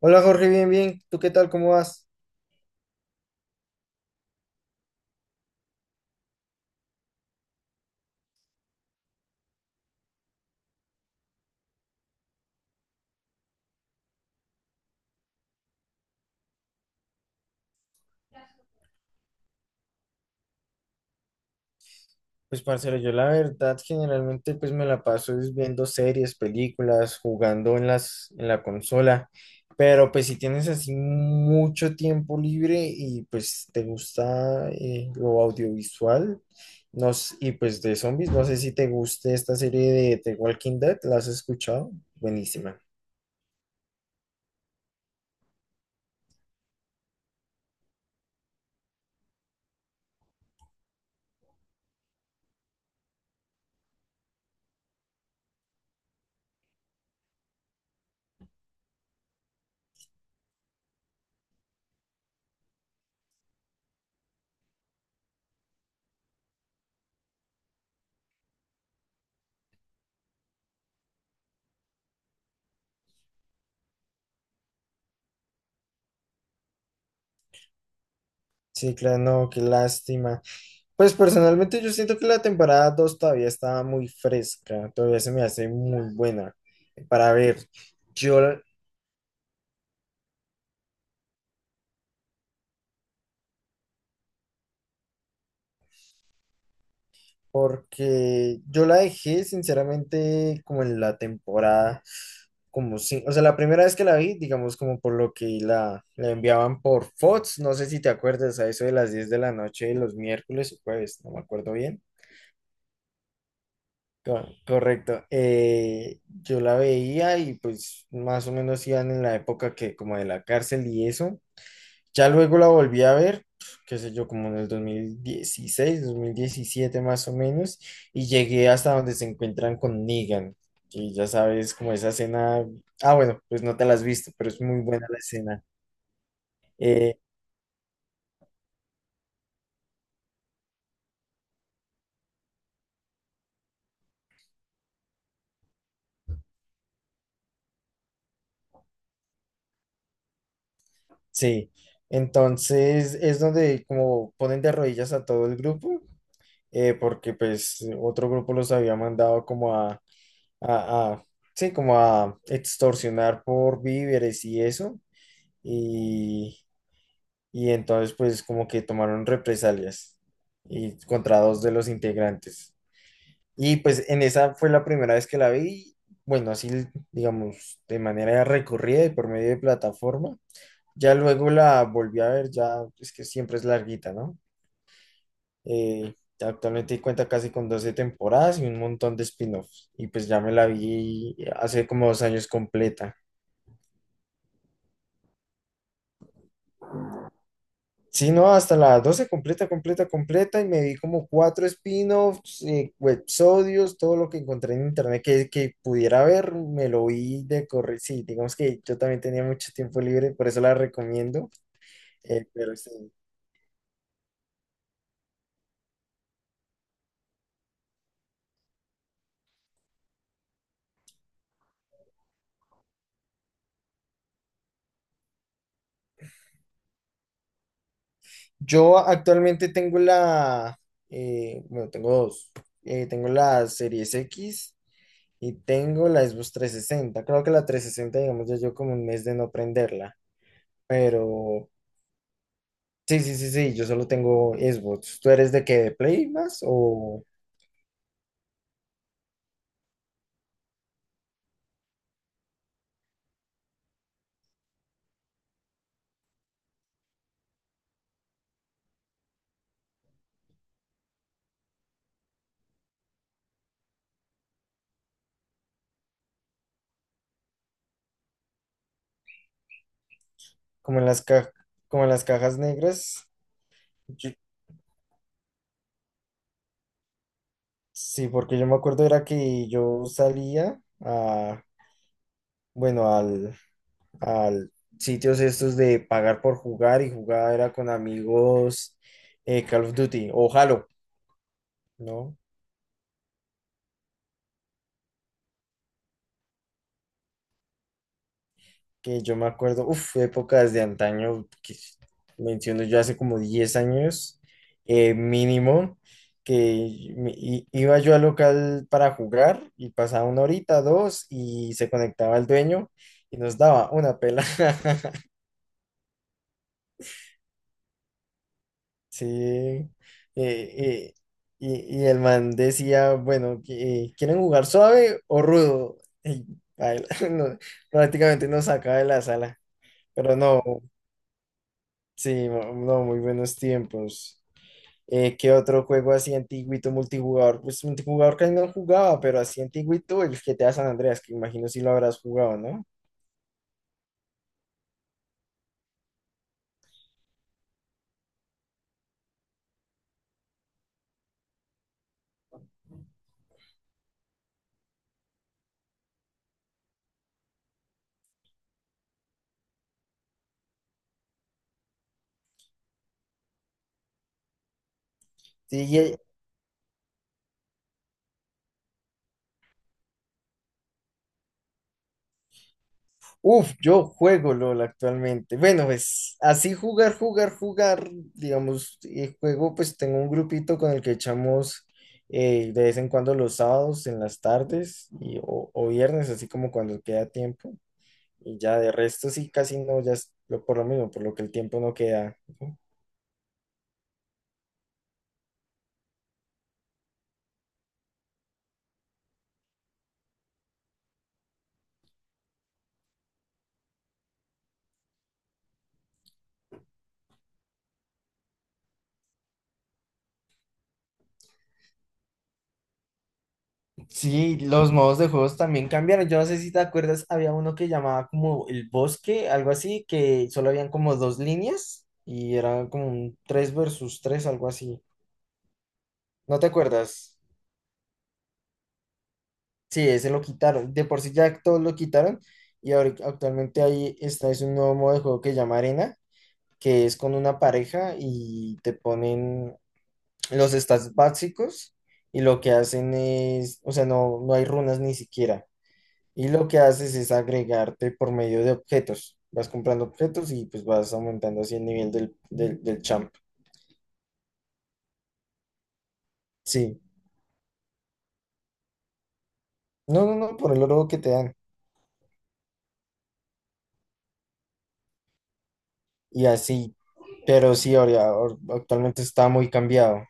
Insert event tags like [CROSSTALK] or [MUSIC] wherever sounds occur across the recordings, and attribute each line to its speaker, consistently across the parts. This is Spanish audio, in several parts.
Speaker 1: Hola Jorge, bien, bien. ¿Tú qué tal? ¿Cómo vas? Pues parcero, yo la verdad generalmente pues me la paso es viendo series, películas, jugando en las en la consola, pero pues si tienes así mucho tiempo libre y pues te gusta lo audiovisual, no s- y pues de zombies, no sé si te guste esta serie de The Walking Dead, ¿la has escuchado? Buenísima. Sí, claro, no, qué lástima. Pues personalmente yo siento que la temporada 2 todavía está muy fresca, todavía se me hace muy buena para ver. Yo, la- porque yo la dejé sinceramente como en la temporada, como si, o sea, la primera vez que la vi, digamos como por lo que la enviaban por Fox, no sé si te acuerdas a eso de las 10 de la noche de los miércoles o jueves, no me acuerdo bien. Correcto. Yo la veía y pues más o menos iban en la época que como de la cárcel y eso. Ya luego la volví a ver, qué sé yo, como en el 2016, 2017 más o menos, y llegué hasta donde se encuentran con Negan, que ya sabes, como esa escena, ah, bueno, pues no te la has visto, pero es muy buena la escena. Eh, sí, entonces es donde como ponen de rodillas a todo el grupo, porque pues otro grupo los había mandado como a, sí, como a extorsionar por víveres y eso. Y, y entonces pues como que tomaron represalias y contra dos de los integrantes. Y pues en esa fue la primera vez que la vi, bueno, así digamos, de manera recorrida y por medio de plataforma. Ya luego la volví a ver, ya es que siempre es larguita, ¿no? Eh, Actualmente cuenta casi con 12 temporadas y un montón de spin-offs. Y pues ya me la vi hace como 2 años completa. Sí, no, hasta la 12 completa, completa, completa, y me vi como cuatro spin-offs, websodios, todo lo que encontré en internet que pudiera ver, me lo vi de correr. Sí, digamos que yo también tenía mucho tiempo libre, por eso la recomiendo. Pero sí. Yo actualmente bueno, tengo dos. Tengo la Series X y tengo la Xbox 360. Creo que la 360, digamos, ya yo como un mes de no prenderla. Pero. Sí, sí, sí, sí, yo solo tengo Xbox. ¿Tú eres de qué? ¿De Play más? ¿O como en como en las cajas negras? Yo- sí, porque yo me acuerdo era que yo salía a, bueno, al sitios estos de pagar por jugar y jugar era con amigos Call of Duty o Halo, ¿no? Que yo me acuerdo, uff, épocas de antaño, que menciono yo hace como 10 años mínimo, que iba yo al local para jugar y pasaba una horita, dos, y se conectaba el dueño y nos daba una pela. [LAUGHS] Sí, eh, y el man decía, bueno, que, ¿quieren jugar suave o rudo? Y a él, [LAUGHS] no, prácticamente nos sacaba de la sala, pero no. Sí, no, no, muy buenos tiempos. ¿Qué otro juego así antiguito multijugador? Pues multijugador casi no jugaba, pero así antiguito el GTA San Andreas, que imagino si lo habrás jugado, ¿no? Sí, uf, yo juego LOL actualmente. Bueno, pues así jugar, jugar, jugar, digamos, juego, pues tengo un grupito con el que echamos de vez en cuando los sábados en las tardes y, o viernes, así como cuando queda tiempo. Y ya de resto sí, casi no, ya es por lo mismo, por lo que el tiempo no queda. Ujú. Sí, los modos de juegos también cambiaron. Yo no sé si te acuerdas, había uno que llamaba como el bosque, algo así, que solo habían como dos líneas y era como un 3 versus 3 algo así. ¿No te acuerdas? Sí, ese lo quitaron. De por sí ya todos lo quitaron y ahora actualmente ahí está, es un nuevo modo de juego que llama Arena, que es con una pareja y te ponen los stats básicos y lo que hacen es, o sea, no, no hay runas ni siquiera. Y lo que haces es agregarte por medio de objetos. Vas comprando objetos y pues vas aumentando así el nivel del champ. Sí. No, no, no, por el oro que te dan. Y así. Pero sí, ahora, actualmente está muy cambiado.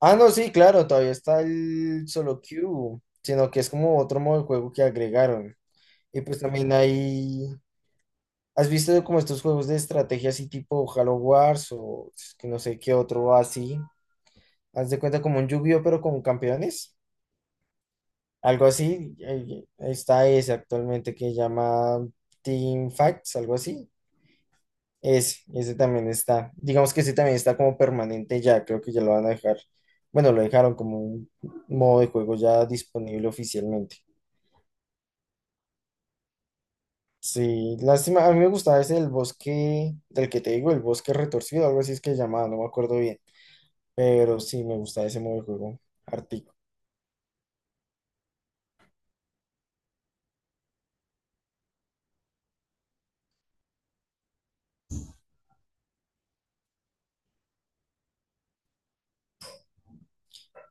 Speaker 1: Ah, no, sí, claro, todavía está el solo queue, sino que es como otro modo de juego que agregaron. Y pues también hay. ¿Has visto como estos juegos de estrategia así tipo Halo Wars o es que no sé qué otro así? Haz de cuenta como un Yu-Gi-Oh pero con campeones. Algo así. Está ese actualmente que llama Team Facts, algo así. Ese también está. Digamos que ese también está como permanente ya. Creo que ya lo van a dejar. Bueno, lo dejaron como un modo de juego ya disponible oficialmente. Sí, lástima. A mí me gustaba ese del bosque, del que te digo, el bosque retorcido, algo así es que llamaba, no me acuerdo bien. Pero sí, me gusta ese modo de juego. Artico.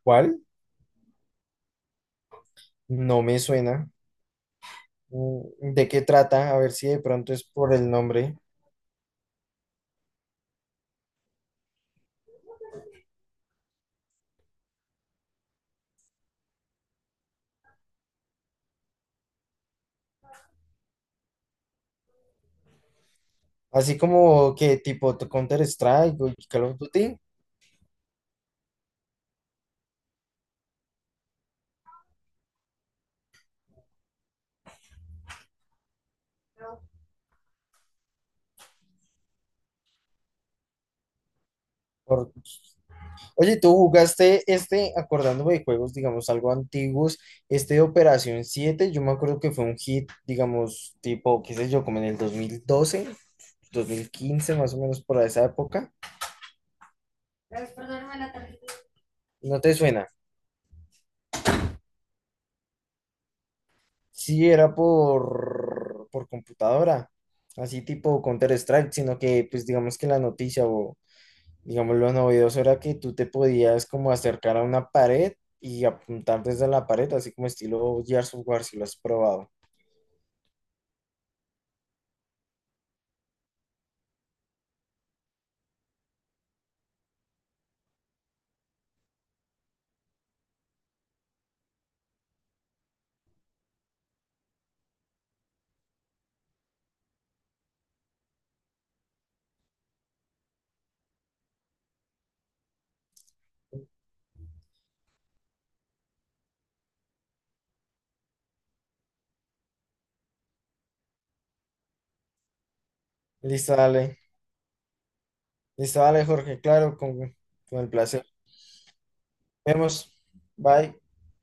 Speaker 1: ¿Cuál? No me suena. ¿De qué trata? A ver si de pronto es por el nombre. Así como que tipo Counter-Strike o Call of Duty. Por- Oye, ¿tú jugaste este, acordándome de juegos, digamos, algo antiguos, este de Operación siete? Yo me acuerdo que fue un hit, digamos, tipo, qué sé yo, como en el dos mil doce 2015 más o menos por esa época. ¿No te suena? Sí, era por computadora, así tipo Counter-Strike, sino que pues digamos que la noticia o digamos lo novedoso era que tú te podías como acercar a una pared y apuntar desde la pared, así como estilo Gears of War, si lo has probado. Listo, dale. Listo, dale, Jorge, claro, con el placer. Vemos. Bye.